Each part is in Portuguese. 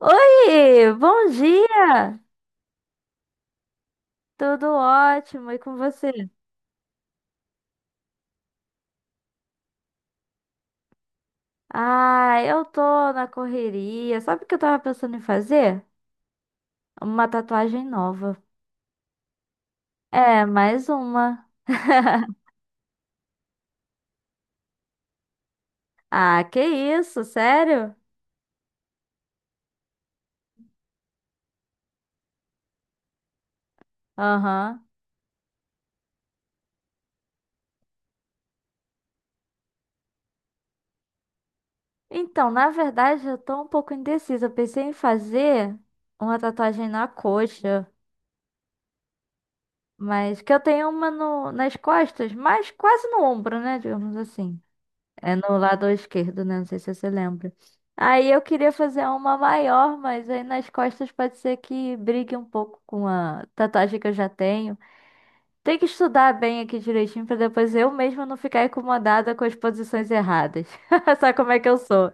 Oi, bom dia! Tudo ótimo, e com você? Ah, eu tô na correria. Sabe o que eu tava pensando em fazer? Uma tatuagem nova. É, mais uma. Ah, que isso, sério? Aham. Então, na verdade, eu tô um pouco indecisa. Eu pensei em fazer uma tatuagem na coxa, mas que eu tenho uma nas costas, mas quase no ombro, né? Digamos assim. É no lado esquerdo, né? Não sei se você lembra. Aí eu queria fazer uma maior, mas aí nas costas pode ser que brigue um pouco com a tatuagem que eu já tenho. Tem que estudar bem aqui direitinho pra depois eu mesma não ficar incomodada com as posições erradas. Sabe como é que eu sou?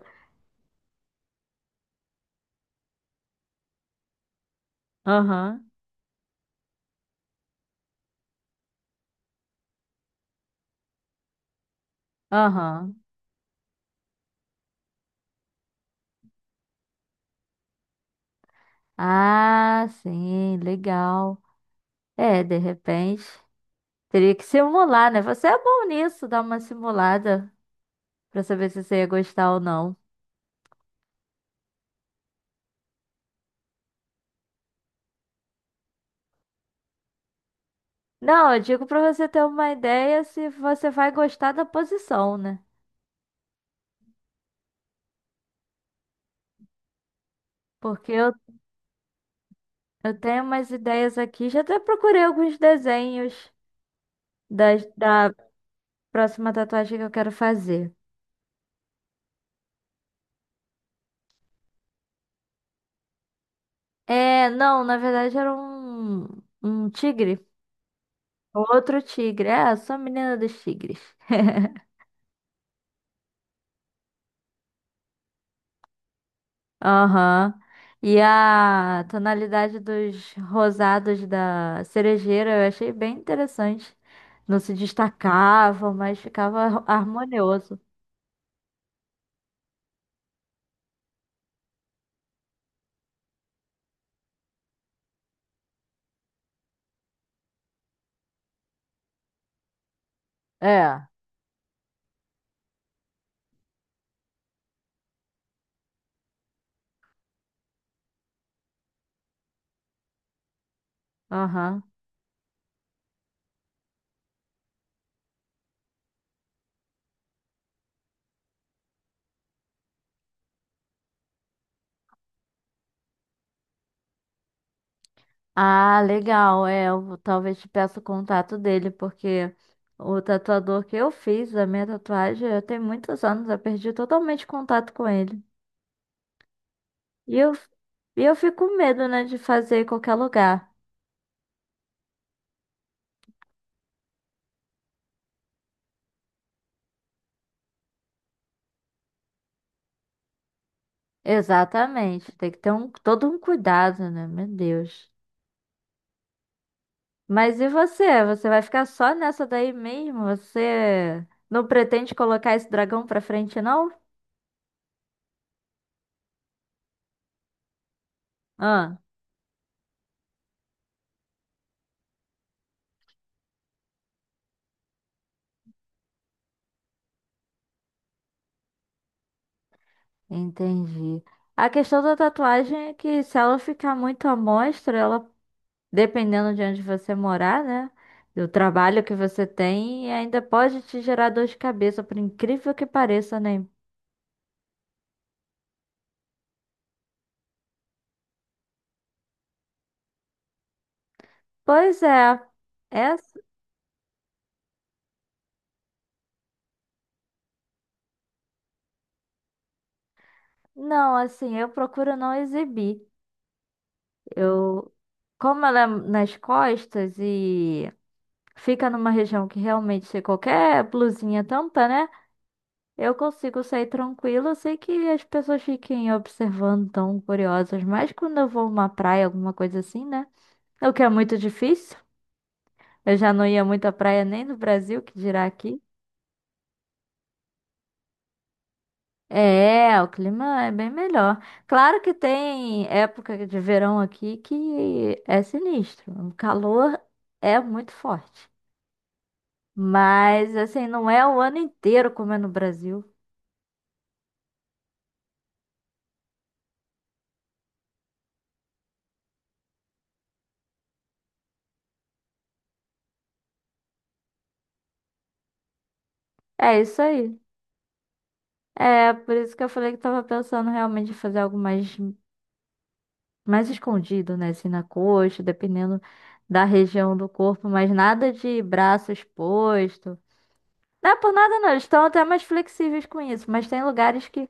Aham, aham. Ah, sim, legal. É, de repente. Teria que simular, né? Você é bom nisso, dar uma simulada pra saber se você ia gostar ou não. Não, eu digo pra você ter uma ideia se você vai gostar da posição, né? Porque eu tenho umas ideias aqui, já até procurei alguns desenhos da próxima tatuagem que eu quero fazer. É, não, na verdade era um tigre, outro tigre. É, eu sou a menina dos tigres. Aham. E a tonalidade dos rosados da cerejeira eu achei bem interessante. Não se destacavam, mas ficava harmonioso. É, aham. Ah, legal. É, eu talvez te peça o contato dele, porque o tatuador que eu fiz, a minha tatuagem, eu tenho muitos anos, eu perdi totalmente contato com ele. E eu, e eu fico com medo, né, de fazer em qualquer lugar. Exatamente. Tem que ter um, todo um cuidado, né? Meu Deus. Mas e você? Você vai ficar só nessa daí mesmo? Você não pretende colocar esse dragão pra frente, não? Ah. Entendi. A questão da tatuagem é que se ela ficar muito à mostra, ela, dependendo de onde você morar, né? Do trabalho que você tem, ainda pode te gerar dor de cabeça, por incrível que pareça, né? Pois é. Essa... Não, assim, eu procuro não exibir. Eu, como ela é nas costas e fica numa região que realmente qualquer blusinha tampa, né? Eu consigo sair tranquila. Eu sei que as pessoas fiquem observando, tão curiosas, mas quando eu vou uma praia, alguma coisa assim, né? O que é muito difícil. Eu já não ia muito à praia nem no Brasil, que dirá aqui. É, o clima é bem melhor. Claro que tem época de verão aqui que é sinistro. O calor é muito forte. Mas, assim, não é o ano inteiro como é no Brasil. É isso aí. É, por isso que eu falei que tava pensando realmente em fazer algo mais escondido, né? Assim, na coxa, dependendo da região do corpo, mas nada de braço exposto. Não é por nada, não. Eles estão até mais flexíveis com isso, mas tem lugares que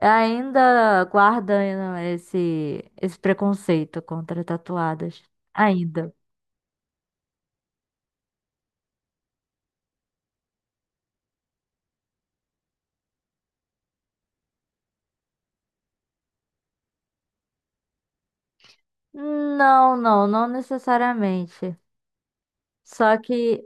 ainda guardam né, esse preconceito contra tatuadas. Ainda. Não necessariamente. Só que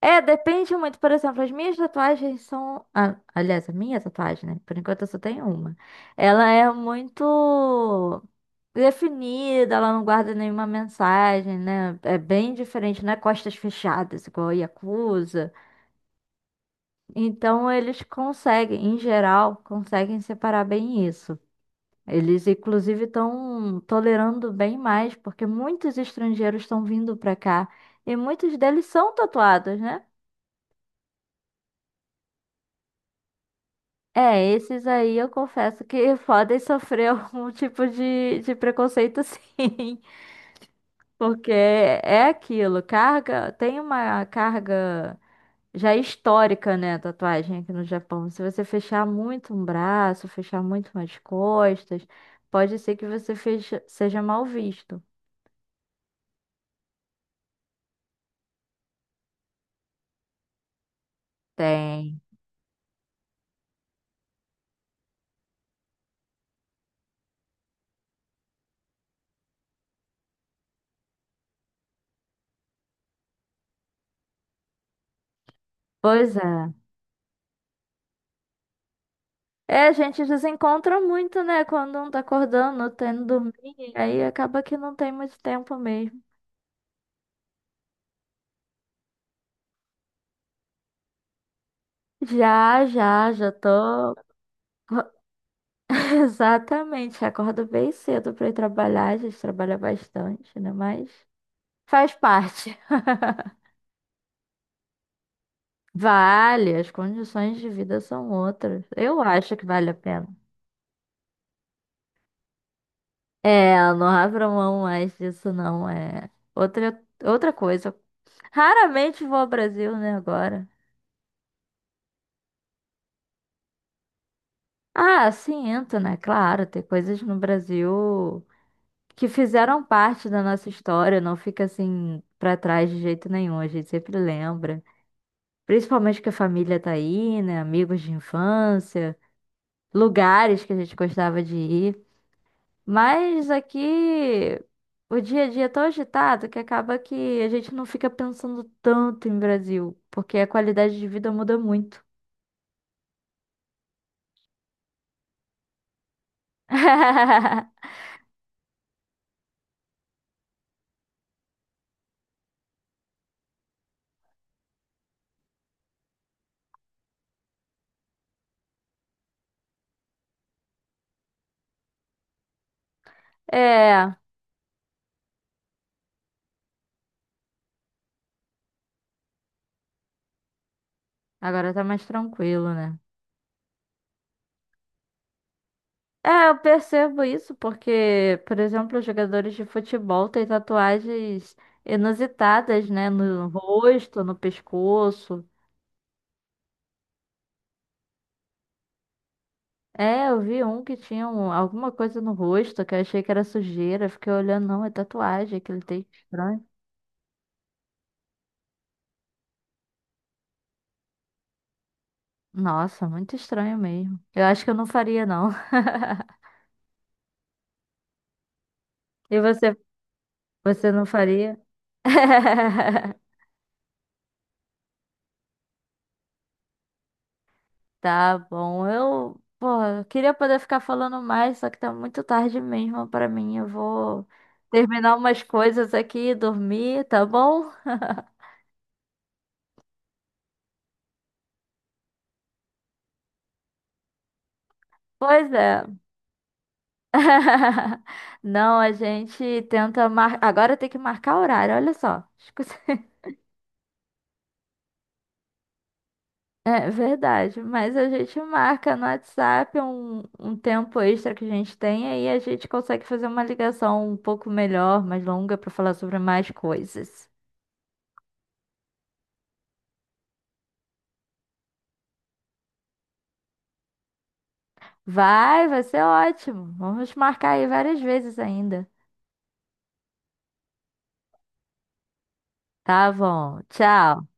é, depende muito. Por exemplo, as minhas tatuagens são. Ah, aliás, a minha tatuagem, né? Por enquanto eu só tenho uma. Ela é muito definida, ela não guarda nenhuma mensagem, né? É bem diferente, não é costas fechadas, igual a Yakuza. Então, eles conseguem, em geral, conseguem separar bem isso. Eles, inclusive, estão tolerando bem mais, porque muitos estrangeiros estão vindo para cá e muitos deles são tatuados, né? É, esses aí eu confesso que podem sofrer algum tipo de preconceito, sim. Porque é aquilo, tem uma carga já histórica, né, tatuagem aqui no Japão. Se você fechar muito um braço, fechar muito umas costas, pode ser que você seja mal visto. Tem. Pois é. É, a gente desencontra muito, né, quando não tá acordando, não tá indo dormir, aí acaba que não tem muito tempo mesmo. Já tô. Exatamente, acordo bem cedo pra ir trabalhar. A gente trabalha bastante, né? Mas faz parte. Vale, as condições de vida são outras. Eu acho que vale a pena. É, não abro mão mais disso, não. É outra coisa. Raramente vou ao Brasil, né, agora. Ah, sim, entro, né? Claro, tem coisas no Brasil que fizeram parte da nossa história, não fica assim pra trás de jeito nenhum, a gente sempre lembra. Principalmente que a família tá aí, né? Amigos de infância, lugares que a gente gostava de ir. Mas aqui o dia a dia é tão agitado que acaba que a gente não fica pensando tanto em Brasil, porque a qualidade de vida muda muito. É, agora tá mais tranquilo, né? É, eu percebo isso porque, por exemplo, os jogadores de futebol têm tatuagens inusitadas, né? No rosto, no pescoço. É, eu vi um que tinha alguma coisa no rosto que eu achei que era sujeira. Fiquei olhando, não, é tatuagem que ele tem. Estranho. Nossa, muito estranho mesmo. Eu acho que eu não faria, não. E você, você não faria? Tá bom. Eu, porra, eu queria poder ficar falando mais, só que tá muito tarde mesmo pra mim. Eu vou terminar umas coisas aqui e dormir, tá bom? Pois é. Não, a gente tenta mar... Agora tem que marcar horário, olha só. Escuta- É verdade, mas a gente marca no WhatsApp um tempo extra que a gente tem, aí a gente consegue fazer uma ligação um pouco melhor, mais longa, pra falar sobre mais coisas. Vai, vai ser ótimo. Vamos marcar aí várias vezes ainda. Tá bom. Tchau.